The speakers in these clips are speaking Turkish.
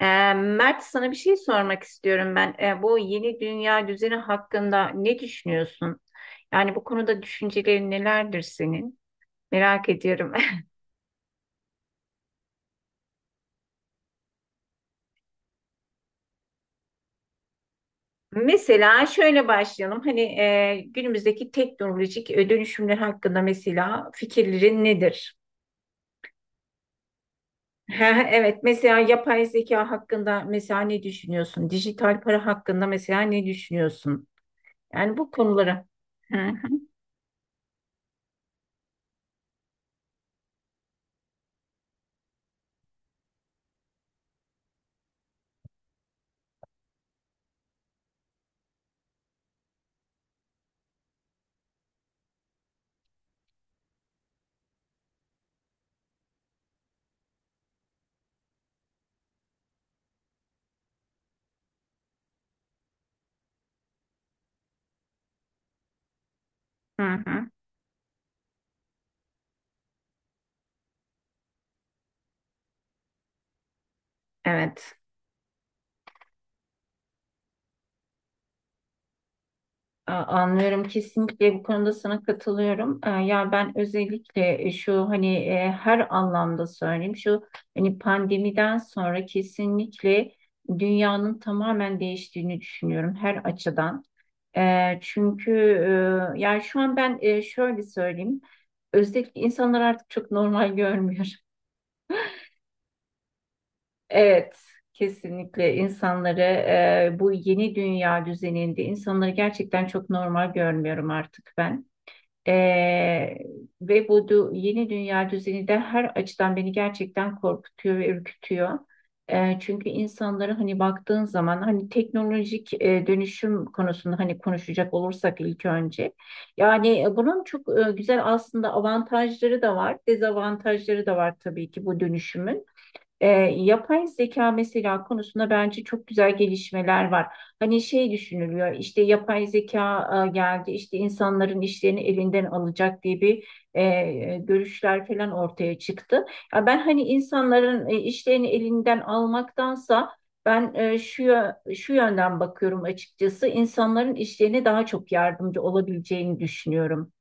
Ee, Mert, sana bir şey sormak istiyorum ben. Bu yeni dünya düzeni hakkında ne düşünüyorsun? Yani bu konuda düşüncelerin nelerdir senin? Merak ediyorum. Mesela şöyle başlayalım. Hani günümüzdeki teknolojik dönüşümler hakkında mesela fikirlerin nedir? Ha, Evet, mesela yapay zeka hakkında mesela ne düşünüyorsun? Dijital para hakkında mesela ne düşünüyorsun? Yani bu konuları. Hı hı hı. Evet. Anlıyorum, kesinlikle bu konuda sana katılıyorum. Ya ben özellikle şu hani her anlamda söyleyeyim şu hani pandemiden sonra kesinlikle dünyanın tamamen değiştiğini düşünüyorum her açıdan. Çünkü yani şu an ben şöyle söyleyeyim, özellikle insanlar artık çok normal görmüyor. Evet. Kesinlikle insanları bu yeni dünya düzeninde insanları gerçekten çok normal görmüyorum artık ben. Ee, ve yeni dünya düzeni de her açıdan beni gerçekten korkutuyor ve ürkütüyor. Çünkü insanları hani baktığın zaman hani teknolojik dönüşüm konusunda hani konuşacak olursak ilk önce. Yani bunun çok güzel aslında avantajları da var, dezavantajları da var tabii ki bu dönüşümün. E, yapay zeka mesela konusunda bence çok güzel gelişmeler var. Hani şey düşünülüyor, işte yapay zeka geldi işte insanların işlerini elinden alacak diye bir görüşler falan ortaya çıktı. Ya ben hani insanların işlerini elinden almaktansa ben şu yönden bakıyorum açıkçası, insanların işlerine daha çok yardımcı olabileceğini düşünüyorum.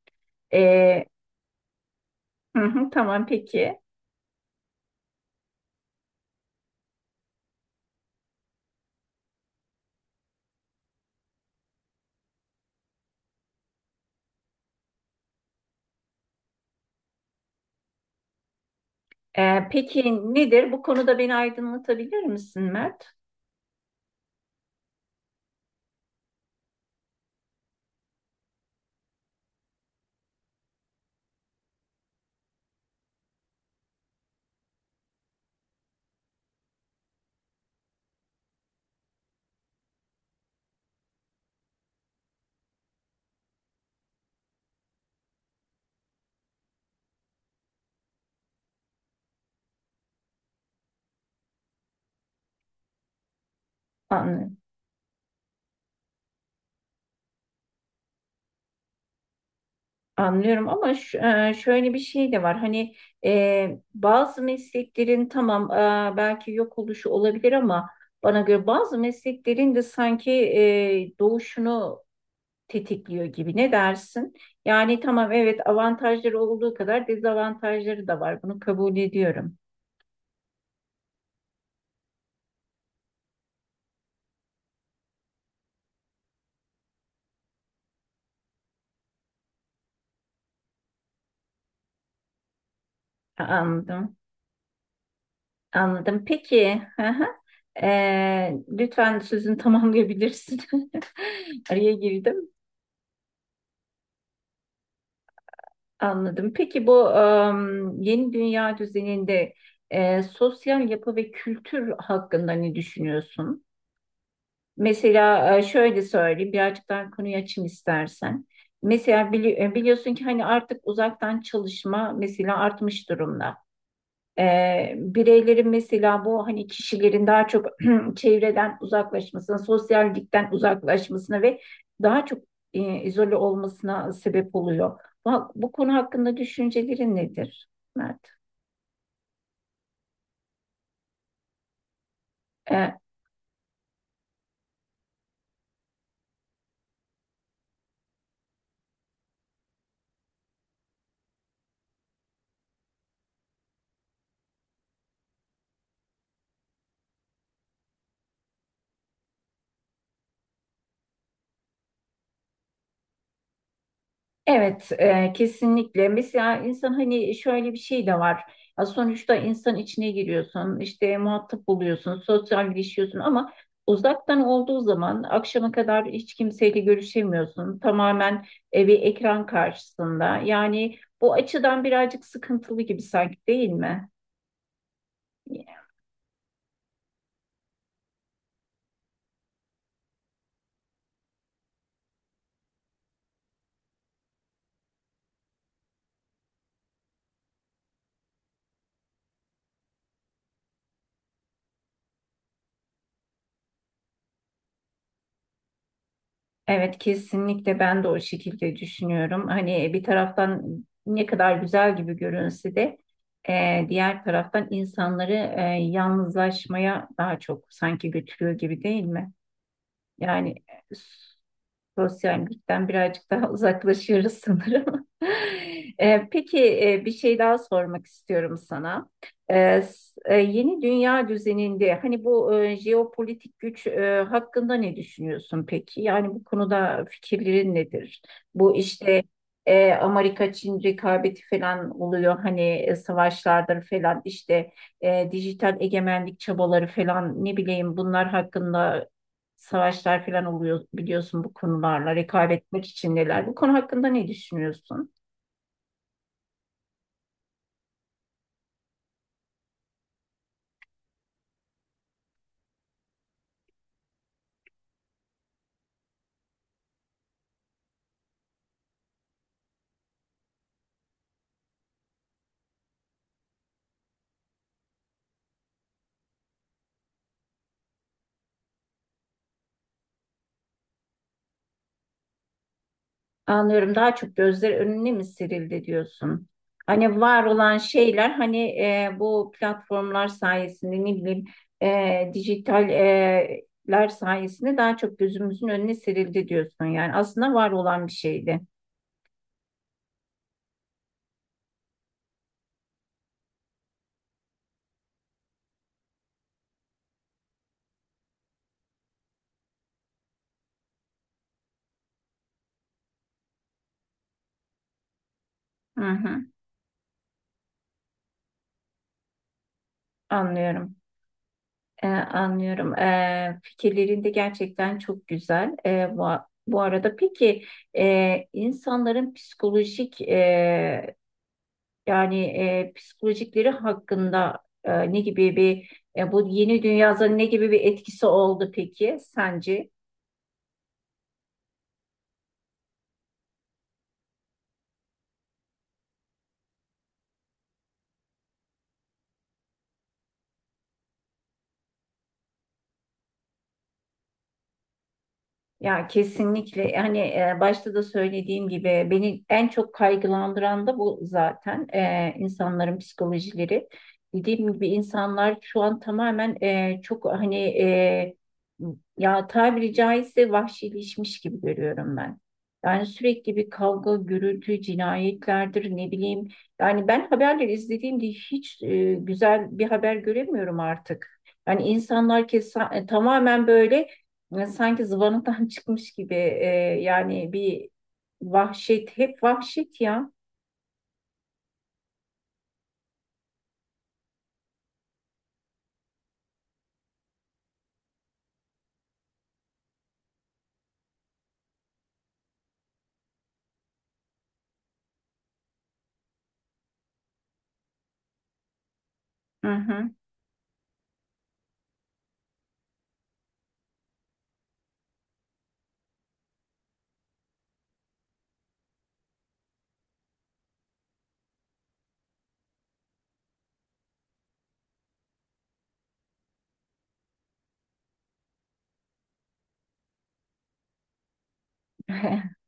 E, hı hı, tamam peki. Peki nedir? Bu konuda beni aydınlatabilir misin Mert? An- Anlıyorum ama şöyle bir şey de var. Hani bazı mesleklerin tamam belki yok oluşu olabilir ama bana göre bazı mesleklerin de sanki doğuşunu tetikliyor gibi. Ne dersin? Yani tamam, evet, avantajları olduğu kadar dezavantajları da var. Bunu kabul ediyorum. Anladım. Anladım. Peki. Hı hı. Lütfen sözünü tamamlayabilirsin. Araya girdim. Anladım. Peki bu yeni dünya düzeninde sosyal yapı ve kültür hakkında ne düşünüyorsun? Mesela şöyle söyleyeyim, birazcık daha konuyu açayım istersen. Mesela biliyorsun ki hani artık uzaktan çalışma mesela artmış durumda. Bireylerin mesela bu hani kişilerin daha çok çevreden uzaklaşmasına, sosyallikten uzaklaşmasına ve daha çok izole olmasına sebep oluyor. Bu konu hakkında düşüncelerin nedir, Mert? E, Evet, kesinlikle. Mesela insan hani şöyle bir şey de var. Ya sonuçta insan içine giriyorsun, işte muhatap buluyorsun, sosyalleşiyorsun ama uzaktan olduğu zaman akşama kadar hiç kimseyle görüşemiyorsun. Tamamen bir ekran karşısında. Yani bu açıdan birazcık sıkıntılı gibi sanki, değil mi? Evet, kesinlikle ben de o şekilde düşünüyorum. Hani bir taraftan ne kadar güzel gibi görünse de diğer taraftan insanları yalnızlaşmaya daha çok sanki götürüyor gibi, değil mi? Yani sosyallikten birazcık daha uzaklaşıyoruz sanırım. Peki bir şey daha sormak istiyorum sana. Yeni dünya düzeninde hani bu jeopolitik güç hakkında ne düşünüyorsun peki? Yani bu konuda fikirlerin nedir? Bu işte Amerika-Çin rekabeti falan oluyor hani savaşlardır falan işte dijital egemenlik çabaları falan ne bileyim, bunlar hakkında savaşlar falan oluyor, biliyorsun bu konularla rekabet etmek içindeler. Bu konu hakkında ne düşünüyorsun? Anlıyorum, daha çok gözler önüne mi serildi diyorsun? Hani var olan şeyler hani bu platformlar sayesinde ne bileyim dijital sayesinde daha çok gözümüzün önüne serildi diyorsun. Yani aslında var olan bir şeydi. Hı hı, anlıyorum. Anlıyorum. Fikirlerin de gerçekten çok güzel. Bu arada peki insanların psikolojik yani psikolojikleri hakkında ne gibi bir bu yeni dünyada ne gibi bir etkisi oldu peki sence? Ya kesinlikle, hani başta da söylediğim gibi beni en çok kaygılandıran da bu zaten. İnsanların psikolojileri. Dediğim gibi insanlar şu an tamamen çok hani ya tabiri caizse vahşileşmiş gibi görüyorum ben. Yani sürekli bir kavga, gürültü, cinayetlerdir, ne bileyim. Yani ben haberleri izlediğimde hiç güzel bir haber göremiyorum artık. Yani insanlar tamamen böyle ya sanki zıvanadan çıkmış gibi yani bir vahşet, hep vahşet ya. Hı hı.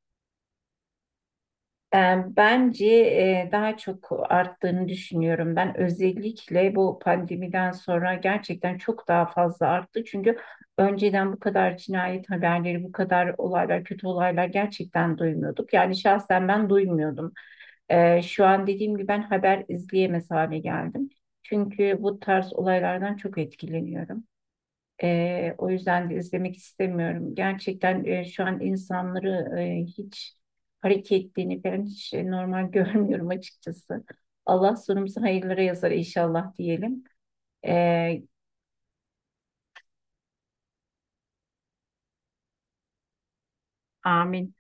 Bence daha çok arttığını düşünüyorum. Ben özellikle bu pandemiden sonra gerçekten çok daha fazla arttı. Çünkü önceden bu kadar cinayet haberleri, bu kadar olaylar, kötü olaylar gerçekten duymuyorduk. Yani şahsen ben duymuyordum. Şu an dediğim gibi ben haber izleyemez hale geldim. Çünkü bu tarz olaylardan çok etkileniyorum. O yüzden de izlemek istemiyorum. Gerçekten şu an insanları hiç hareketlerini falan hiç normal görmüyorum açıkçası. Allah sonumuzu hayırlara yazar inşallah diyelim. Ee, amin.